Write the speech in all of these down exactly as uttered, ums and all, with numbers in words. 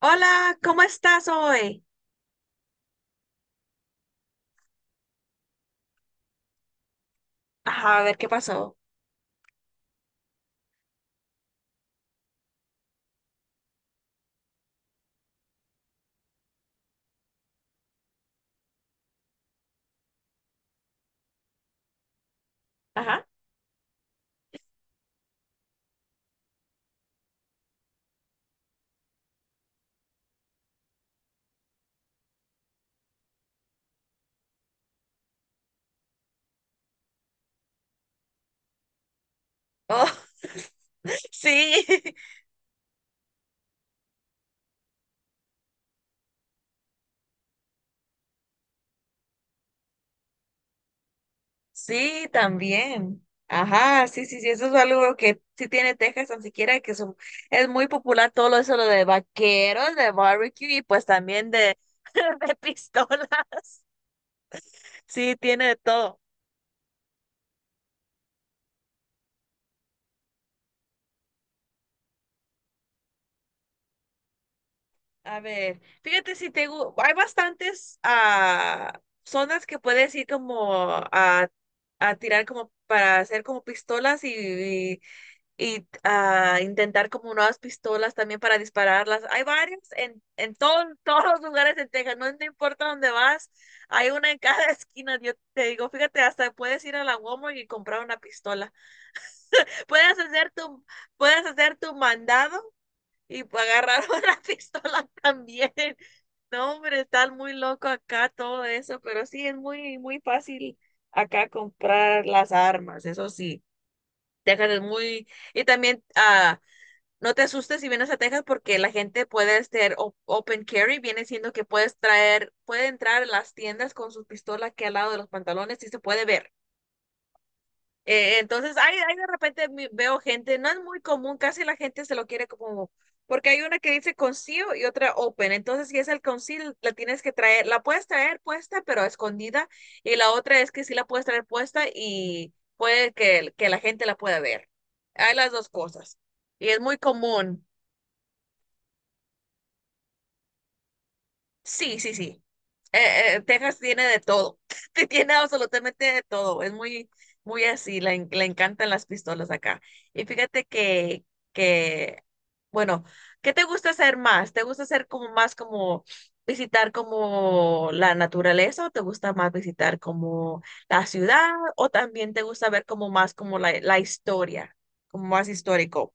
Hola, ¿cómo estás hoy? Ajá, a ver qué pasó. Ajá. Oh, sí, sí, también. Ajá, sí, sí, sí, eso es algo que sí tiene Texas, tan siquiera que son- es muy popular todo lo- eso lo de vaqueros, de barbecue y pues también de, de pistolas. Sí, tiene de todo. A ver, fíjate si te gu- hay bastantes ah, zonas que puedes ir como a, a tirar como para hacer como pistolas y y y ah, intentar como nuevas pistolas también para dispararlas. Hay varias en, en todo- todos los lugares en Texas, no, no importa dónde vas, hay una en cada esquina. Yo te digo, fíjate, hasta puedes ir a la Walmart y comprar una pistola. Puedes hacer tu, Puedes hacer tu mandado y agarrar una pistola también. No, hombre, está muy loco acá todo eso, pero sí es muy, muy fácil acá comprar las armas, eso sí. Texas es muy, y también ah, no te asustes si vienes a Texas porque la gente puede ser o- open carry, viene siendo que puedes traer, puede entrar en las tiendas con su pistola aquí al lado de los pantalones y se puede ver. Eh, entonces, hay hay de repente mi- veo gente, no es muy común, casi la gente se lo quiere como, porque hay una que dice conceal y otra open. Entonces, si es el conceal, la tienes que traer, la puedes traer puesta, pero escondida, y la otra es que sí la puedes traer puesta y puede que, que la gente la pueda ver. Hay las dos cosas. Y es muy común. Sí, sí, sí. Eh, eh, Texas tiene de todo. Que tiene absolutamente de todo. Es muy, muy así. Le, en- le encantan las pistolas acá. Y fíjate que, que, bueno, ¿qué te gusta hacer más? ¿Te gusta hacer como más como visitar como la naturaleza o te gusta más visitar como la ciudad o también te gusta ver como más como la, la historia, como más histórico?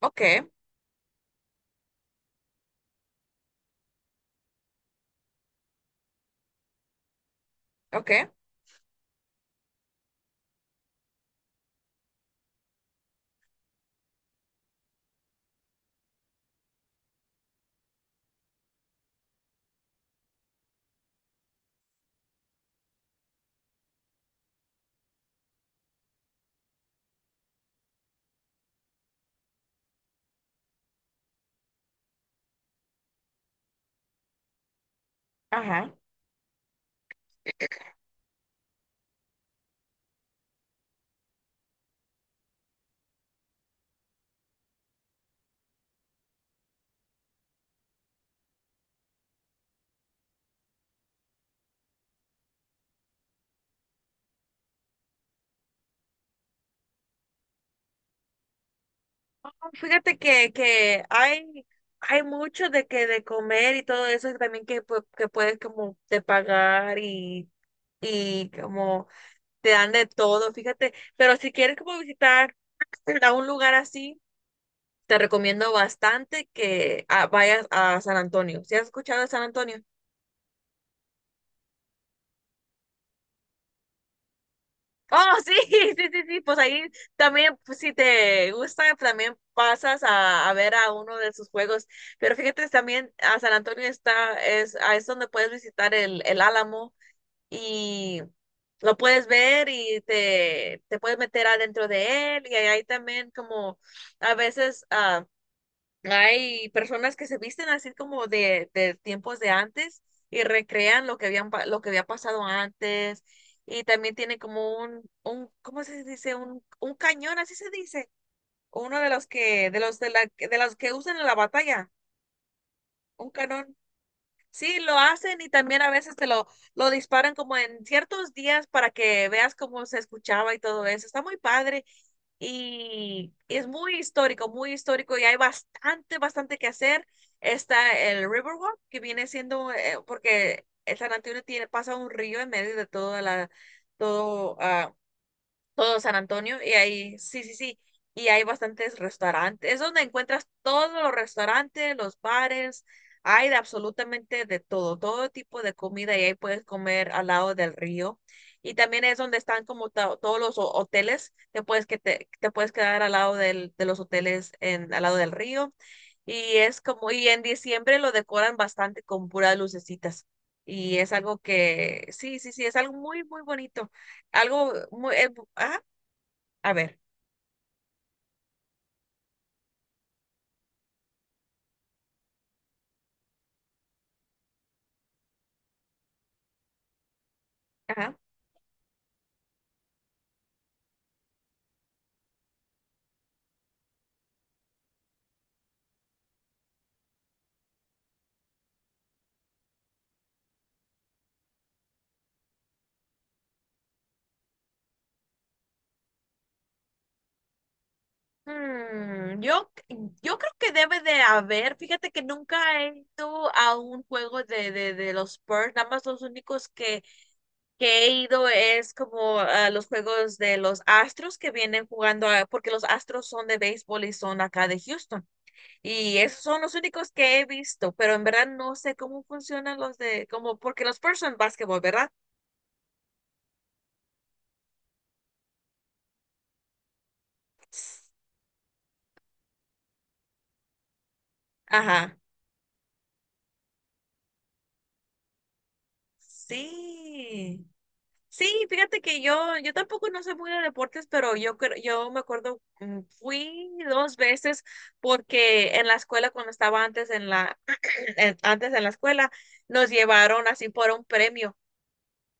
Ok, ok, ajá. Ah, Fíjate que, que hay, hay mucho de que de comer y todo eso y también que, pu- que puedes como de pagar y, y como te dan de todo, fíjate. Pero si quieres como visitar a un lugar así, te recomiendo bastante que ah, vayas a San Antonio. ¿Si has escuchado de San Antonio? Oh, sí, sí, sí, sí, pues ahí también, pues, si te gusta, también pasas a, a ver a uno de sus juegos. Pero fíjate, también a San Antonio está, es, ah, es donde puedes visitar el, el Álamo y lo puedes ver y te, te puedes meter adentro de él. Y ahí también como a veces ah, hay personas que se visten así como de, de tiempos de antes y recrean lo que habían, pa- lo que había pasado antes. Y también tiene como un, un, ¿cómo se dice? Un, un cañón, así se dice. Uno de los que, de los de la, de los que usan en la batalla, un cañón. Sí, lo hacen y también a veces te lo, lo disparan como en ciertos días para que veas cómo se escuchaba y todo eso. Está muy padre y es muy histórico, muy histórico y hay bastante, bastante que hacer. Está el Riverwalk, que viene siendo, eh, porque el San Antonio tiene, pasa un río en medio de toda la, todo, ah, todo San Antonio y ahí, sí, sí, sí, y hay bastantes restaurantes, es donde encuentras todos los restaurantes, los bares, hay de absolutamente de todo, todo tipo de comida y ahí puedes comer al lado del río. Y también es donde están como to- todos los ho- hoteles, te puedes, que te, te puedes quedar al lado del, de los hoteles en, al lado del río. Y es como, y en diciembre lo decoran bastante con puras lucecitas. Y es algo que, sí, sí, sí, es algo muy, muy bonito algo muy, eh, bu- ajá, a ver. Ajá. Mm, yo, yo creo que debe de haber, fíjate que nunca he ido a un juego de, de, de los Spurs, nada más los únicos que, que he ido es como a los juegos de los Astros que vienen jugando, a- porque los Astros son de béisbol y son acá de Houston, y esos son los únicos que he visto, pero en verdad no sé cómo funcionan los de, como, porque los Spurs son básquetbol, ¿verdad? Ajá, sí. Sí, fíjate que yo, yo tampoco no sé muy de deportes, pero yo, cre- yo me acuerdo, mm, fui dos veces porque en la escuela, cuando estaba antes en la, en- antes en la escuela, nos llevaron así por un premio.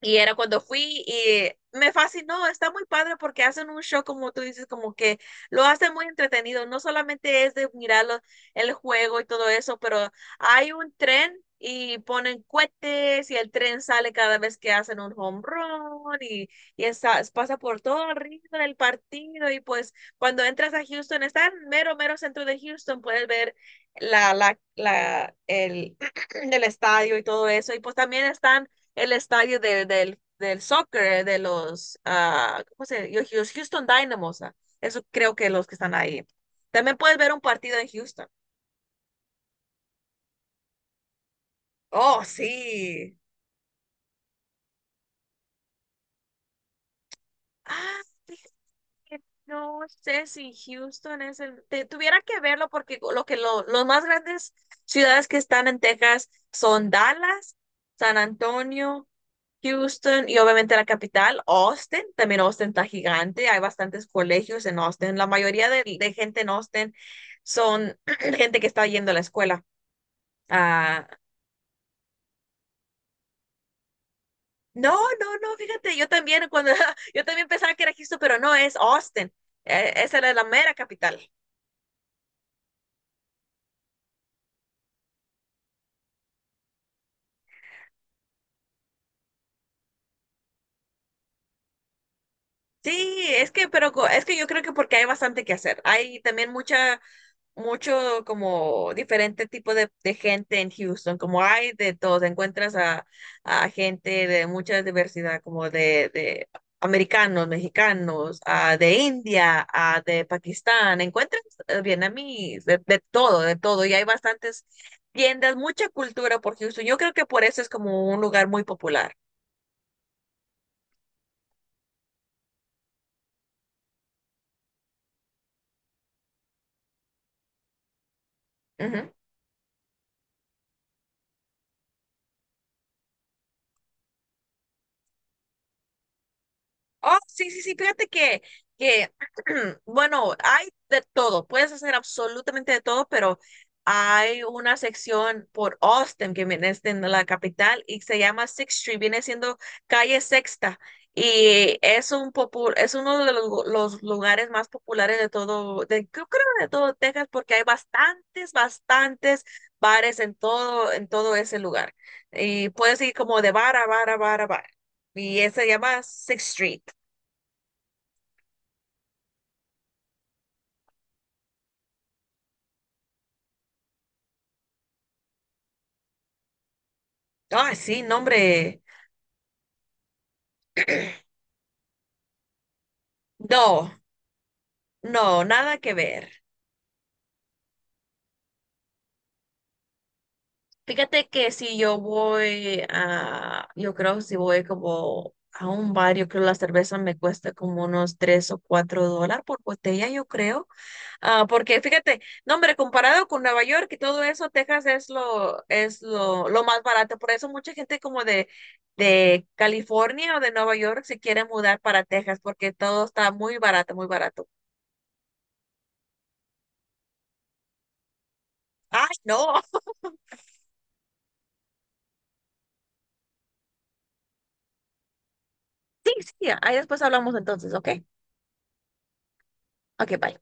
Y era cuando fui y me fascinó, está muy padre porque hacen un show como tú dices, como que lo hacen muy entretenido, no solamente es de mirar lo- el juego y todo eso, pero hay un tren y ponen cohetes y el tren sale cada vez que hacen un home run y, y está- pasa por todo arriba del partido y pues cuando entras a Houston, está en mero, mero centro de Houston, puedes ver la, la, la, el, el estadio y todo eso y pues también están el estadio de- del, del soccer, de los, ah, ¿cómo se llama? Los Houston Dynamos. ah, Eso creo que los que están ahí. También puedes ver un partido en Houston. Oh, sí. Ah, que no sé si Houston es el... te- tuviera que verlo porque lo que lo, los más grandes ciudades que están en Texas son Dallas, San Antonio, Houston y obviamente la capital, Austin. También Austin está gigante. Hay bastantes colegios en Austin. La mayoría de, de gente en Austin son gente que está yendo a la escuela. Ah, no, no, no, fíjate, yo también cuando yo también pensaba que era Houston, pero no, es Austin. Eh, esa era la mera capital. Sí, es que, pero co- es que yo creo que porque hay bastante que hacer. Hay también mucha, mucho como diferente tipo de, de gente en Houston, como hay de todo. Encuentras a, a gente de mucha diversidad, como de, de americanos, mexicanos, ah, de India, ah, de Pakistán. Encuentras eh, vietnamíes, de, de todo, de todo. Y hay bastantes tiendas, mucha cultura por Houston. Yo creo que por eso es como un lugar muy popular. Oh, sí, sí, sí, fíjate que, que, bueno, hay de todo, puedes hacer absolutamente de todo, pero hay una sección por Austin, que viene siendo la capital, y se llama Sixth Street, viene siendo calle Sexta, y es un popu- es uno de los, lu- los lugares más populares de todo, de, yo creo de todo Texas, porque hay bastantes, bastantes bares en todo, en todo ese lugar, y puedes ir como de bar a bar a bar a bar, y ese se llama Sixth Street. Ah, sí, no, hombre. No, no, nada que ver. Fíjate que si yo voy a, yo creo si voy como a un bar, yo creo la cerveza me cuesta como unos tres o cuatro dólares por botella, yo creo. Ah, porque fíjate, no, hombre, comparado con Nueva York y todo eso, Texas es lo, es lo, lo más barato. Por eso mucha gente como de, de California o de Nueva York se quiere mudar para Texas, porque todo está muy barato, muy barato. Ay, no. Sí, sí, sí, ahí después hablamos entonces, ¿ok? Ok, bye.